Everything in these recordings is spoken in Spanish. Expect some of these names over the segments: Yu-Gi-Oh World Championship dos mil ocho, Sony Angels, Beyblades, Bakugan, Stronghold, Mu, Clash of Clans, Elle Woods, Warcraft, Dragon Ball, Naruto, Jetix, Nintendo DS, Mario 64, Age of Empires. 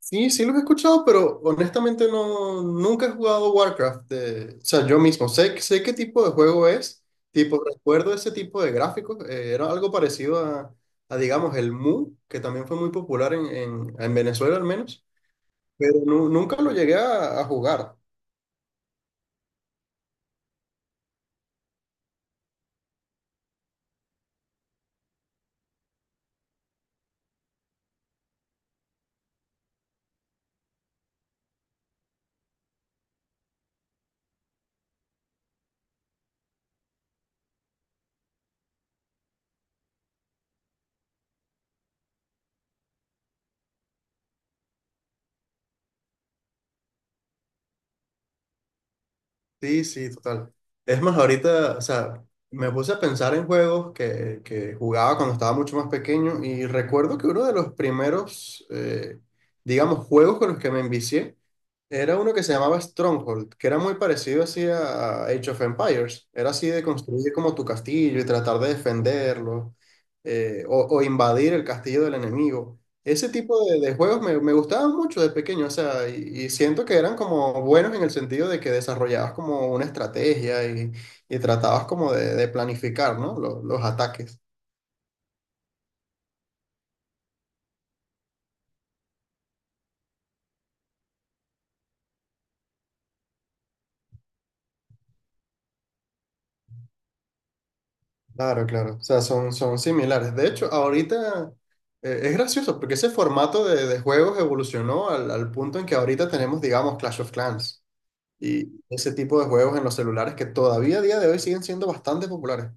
Sí, sí los he escuchado, pero honestamente no, nunca he jugado Warcraft. O sea, yo mismo sé qué tipo de juego es, tipo, recuerdo ese tipo de gráficos. Era algo parecido a, digamos, el Mu, que también fue muy popular en Venezuela al menos, pero nunca lo llegué a jugar. Sí, sí, total. Es más, ahorita, o sea, me puse a pensar en juegos que jugaba cuando estaba mucho más pequeño y recuerdo que uno de los primeros, digamos, juegos con los que me envicié era uno que se llamaba Stronghold, que era muy parecido así a Age of Empires. Era así de construir como tu castillo y tratar de defenderlo o invadir el castillo del enemigo. Ese tipo de juegos me gustaban mucho de pequeño, o sea, y siento que eran como buenos en el sentido de que desarrollabas como una estrategia y tratabas como de planificar, ¿no? Los ataques. Claro, claro, o sea, son similares. De hecho, ahorita es gracioso porque ese formato de juegos evolucionó al punto en que ahorita tenemos, digamos, Clash of Clans y ese tipo de juegos en los celulares que todavía a día de hoy siguen siendo bastante populares.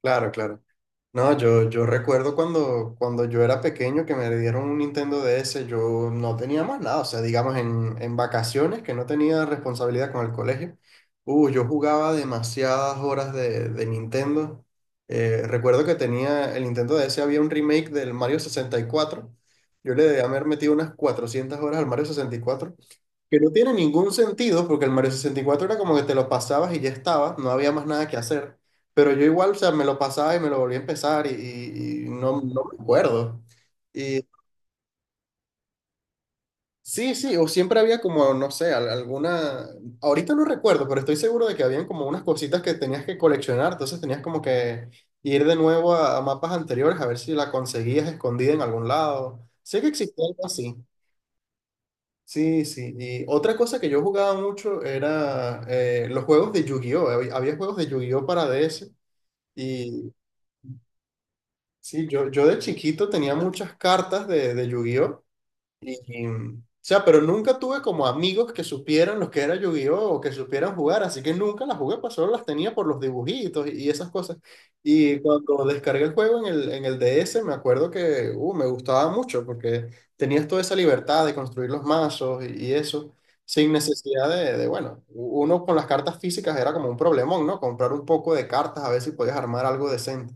Claro, claro. No, yo recuerdo cuando yo era pequeño que me dieron un Nintendo DS, yo no tenía más nada, o sea, digamos en vacaciones que no tenía responsabilidad con el colegio. Yo jugaba demasiadas horas de Nintendo. Recuerdo que tenía el Nintendo DS, había un remake del Mario 64. Yo le debía haber metido unas 400 horas al Mario 64, que no tiene ningún sentido porque el Mario 64 era como que te lo pasabas y ya estaba, no había más nada que hacer. Pero yo igual, o sea, me lo pasaba y me lo volví a empezar y, y no, no me acuerdo. Y sí, sí, o siempre había como, no sé, alguna... Ahorita no recuerdo, pero estoy seguro de que habían como unas cositas que tenías que coleccionar, entonces tenías como que ir de nuevo a mapas anteriores a ver si la conseguías escondida en algún lado. Sé que existía algo así. Sí, sí. Y otra cosa que yo jugaba mucho era los juegos de Yu-Gi-Oh! Había juegos de Yu-Gi-Oh! Para DS. Y sí, yo de chiquito tenía muchas cartas de Yu-Gi-Oh! Y, mm, o sea, pero nunca tuve como amigos que supieran lo que era Yu-Gi-Oh! O que supieran jugar, así que nunca las jugué, pues solo las tenía por los dibujitos y esas cosas. Y cuando descargué el juego en el DS, me acuerdo que me gustaba mucho porque tenías toda esa libertad de construir los mazos y eso, sin necesidad de, bueno, uno con las cartas físicas era como un problemón, ¿no? Comprar un poco de cartas a ver si podías armar algo decente.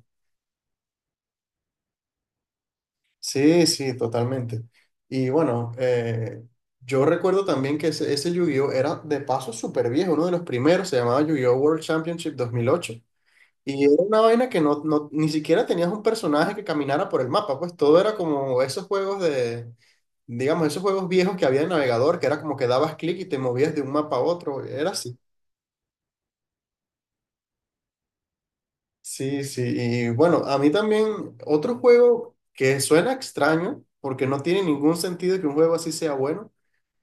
Sí, sí, totalmente. Y bueno, yo recuerdo también que ese Yu-Gi-Oh era de paso súper viejo, uno de los primeros, se llamaba Yu-Gi-Oh World Championship 2008. Y era una vaina que no, ni siquiera tenías un personaje que caminara por el mapa, pues todo era como esos juegos de, digamos, esos juegos viejos que había en navegador, que era como que dabas clic y te movías de un mapa a otro, era así. Sí, sí, y bueno, a mí también otro juego que suena extraño, porque no tiene ningún sentido que un juego así sea bueno,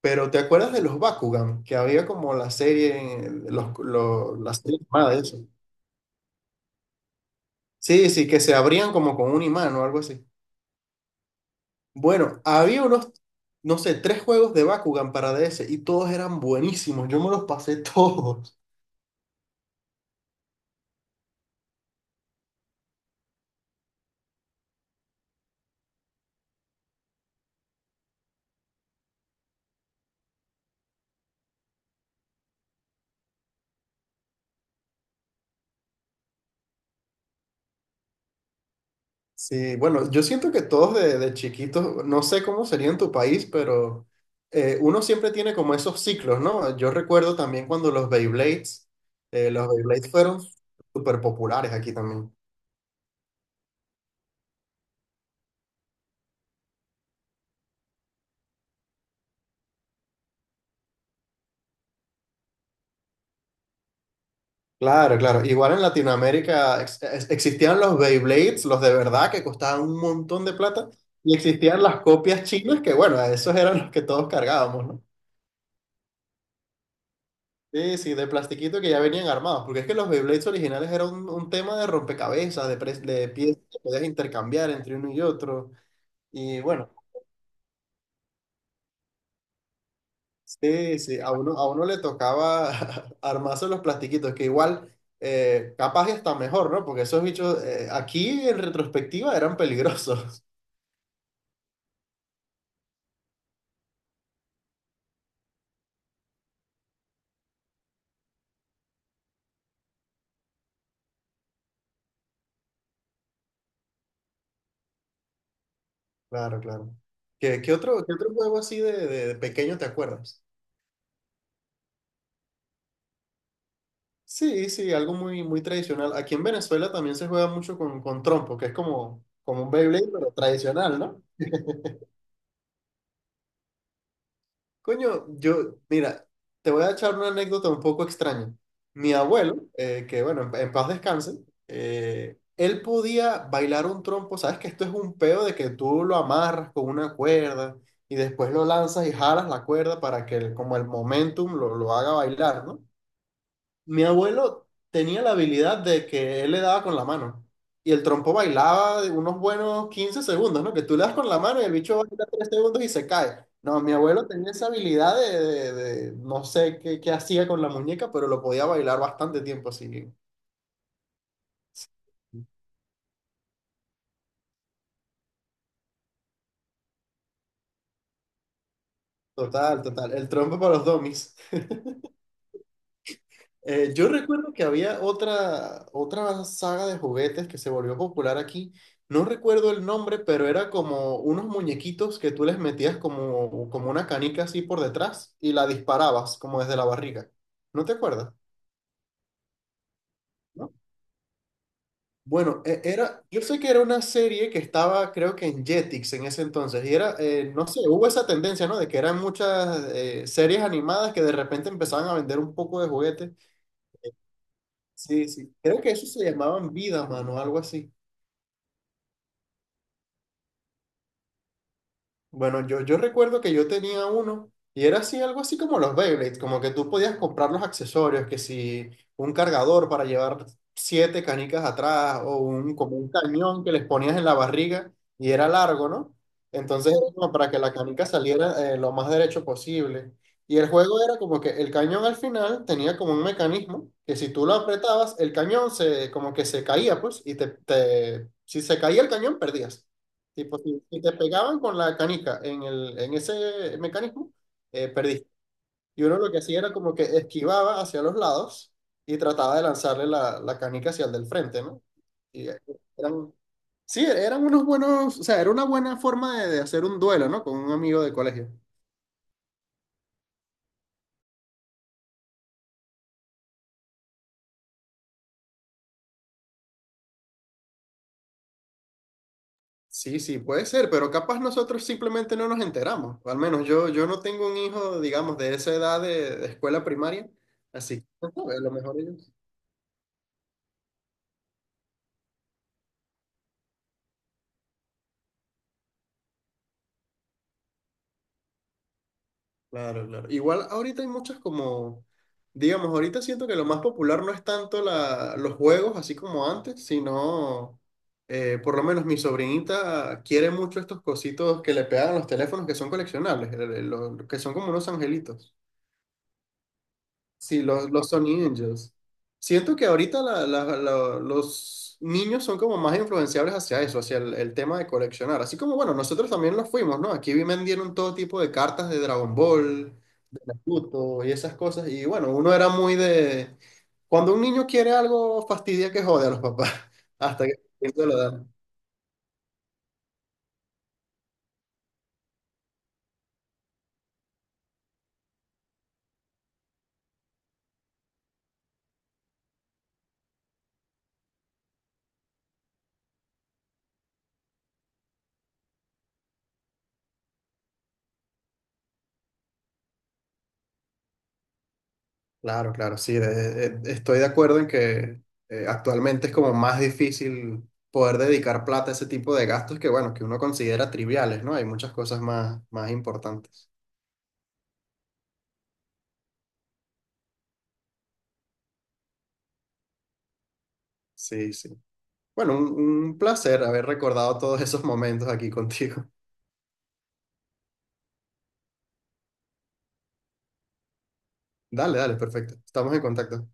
pero ¿te acuerdas de los Bakugan? Que había como la serie, la serie animada de eso. Sí, sí, que se abrían como con un imán o algo así. Bueno, había unos, no sé, tres juegos de Bakugan para DS y todos eran buenísimos, yo me los pasé todos. Sí, bueno, yo siento que todos de chiquitos, no sé cómo sería en tu país, pero uno siempre tiene como esos ciclos, ¿no? Yo recuerdo también cuando los Beyblades fueron súper populares aquí también. Claro, claro. Igual en Latinoamérica existían los Beyblades, los de verdad, que costaban un montón de plata, y existían las copias chinas, que bueno, esos eran los que todos cargábamos, ¿no? Sí, sí, de plastiquito que ya venían armados, porque es que los Beyblades originales era un tema de rompecabezas, de, de piezas que podías intercambiar entre uno y otro. Y bueno, sí, sí, a uno le tocaba armarse los plastiquitos, que igual capaz y hasta mejor, ¿no? Porque esos bichos aquí en retrospectiva eran peligrosos. Claro, claro. ¿Qué, qué otro juego así de, de pequeño te acuerdas? Sí, sí, algo muy, muy tradicional. Aquí en Venezuela también se juega mucho con trompo, que es como, como un Beyblade, pero tradicional, ¿no? Coño, yo, mira, te voy a echar una anécdota un poco extraña. Mi abuelo, que bueno, en paz descanse, él podía bailar un trompo. Sabes que esto es un peo de que tú lo amarras con una cuerda y después lo lanzas y jalas la cuerda para que como el momentum lo haga bailar, ¿no? Mi abuelo tenía la habilidad de que él le daba con la mano. Y el trompo bailaba de unos buenos 15 segundos, ¿no? Que tú le das con la mano y el bicho baila 3 segundos y se cae. No, mi abuelo tenía esa habilidad de, no sé qué, qué hacía con la muñeca, pero lo podía bailar bastante tiempo así. Total, total. El trompo para los domis. Yo recuerdo que había otra, otra saga de juguetes que se volvió popular aquí. No recuerdo el nombre, pero era como unos muñequitos que tú les metías como, como una canica así por detrás y la disparabas como desde la barriga. ¿No te acuerdas? ¿No? Bueno, era, yo sé que era una serie que estaba, creo que en Jetix en ese entonces, y era, no sé, hubo esa tendencia, ¿no? De que eran muchas series animadas que de repente empezaban a vender un poco de juguetes. Sí, sí. Creo que eso se llamaban Vida, mano, algo así. Bueno, yo recuerdo que yo tenía uno y era así, algo así como los Beyblades, como que tú podías comprar los accesorios, que si un cargador para llevar 7 canicas atrás o un, como un cañón que les ponías en la barriga y era largo, ¿no? Entonces era como para que la canica saliera lo más derecho posible. Y el juego era como que el cañón al final tenía como un mecanismo que si tú lo apretabas, el cañón se, como que se caía, pues, y si se caía el cañón, perdías. Tipo, si te pegaban con la canica en ese mecanismo, perdiste. Y uno lo que hacía era como que esquivaba hacia los lados y trataba de lanzarle la canica hacia el del frente, ¿no? Y eran, sí, eran unos buenos, o sea, era una buena forma de hacer un duelo, ¿no? Con un amigo de colegio. Sí, sí, puede ser, pero capaz nosotros simplemente no nos enteramos. O al menos yo no tengo un hijo, digamos, de esa edad de escuela primaria, así que no sabe, a lo mejor ellos. Claro, claro. Igual ahorita hay muchas como, digamos, ahorita siento que lo más popular no es tanto la, los juegos así como antes, sino, por lo menos mi sobrinita quiere mucho estos cositos que le pegan a los teléfonos que son coleccionables, que son como unos angelitos. Sí, los Sony Angels. Siento que ahorita los niños son como más influenciables hacia eso, hacia el tema de coleccionar. Así como, bueno, nosotros también lo fuimos, ¿no? Aquí vendieron todo tipo de cartas de Dragon Ball, de Naruto y esas cosas. Y bueno, uno era muy de... Cuando un niño quiere algo, fastidia que jode a los papás. Hasta que se lo dan. Claro, claro, sí, estoy de acuerdo en que actualmente es como más difícil poder dedicar plata a ese tipo de gastos que, bueno, que uno considera triviales, ¿no? Hay muchas cosas más, más importantes. Sí, sí. Bueno, un placer haber recordado todos esos momentos aquí contigo. Dale, dale, perfecto. Estamos en contacto.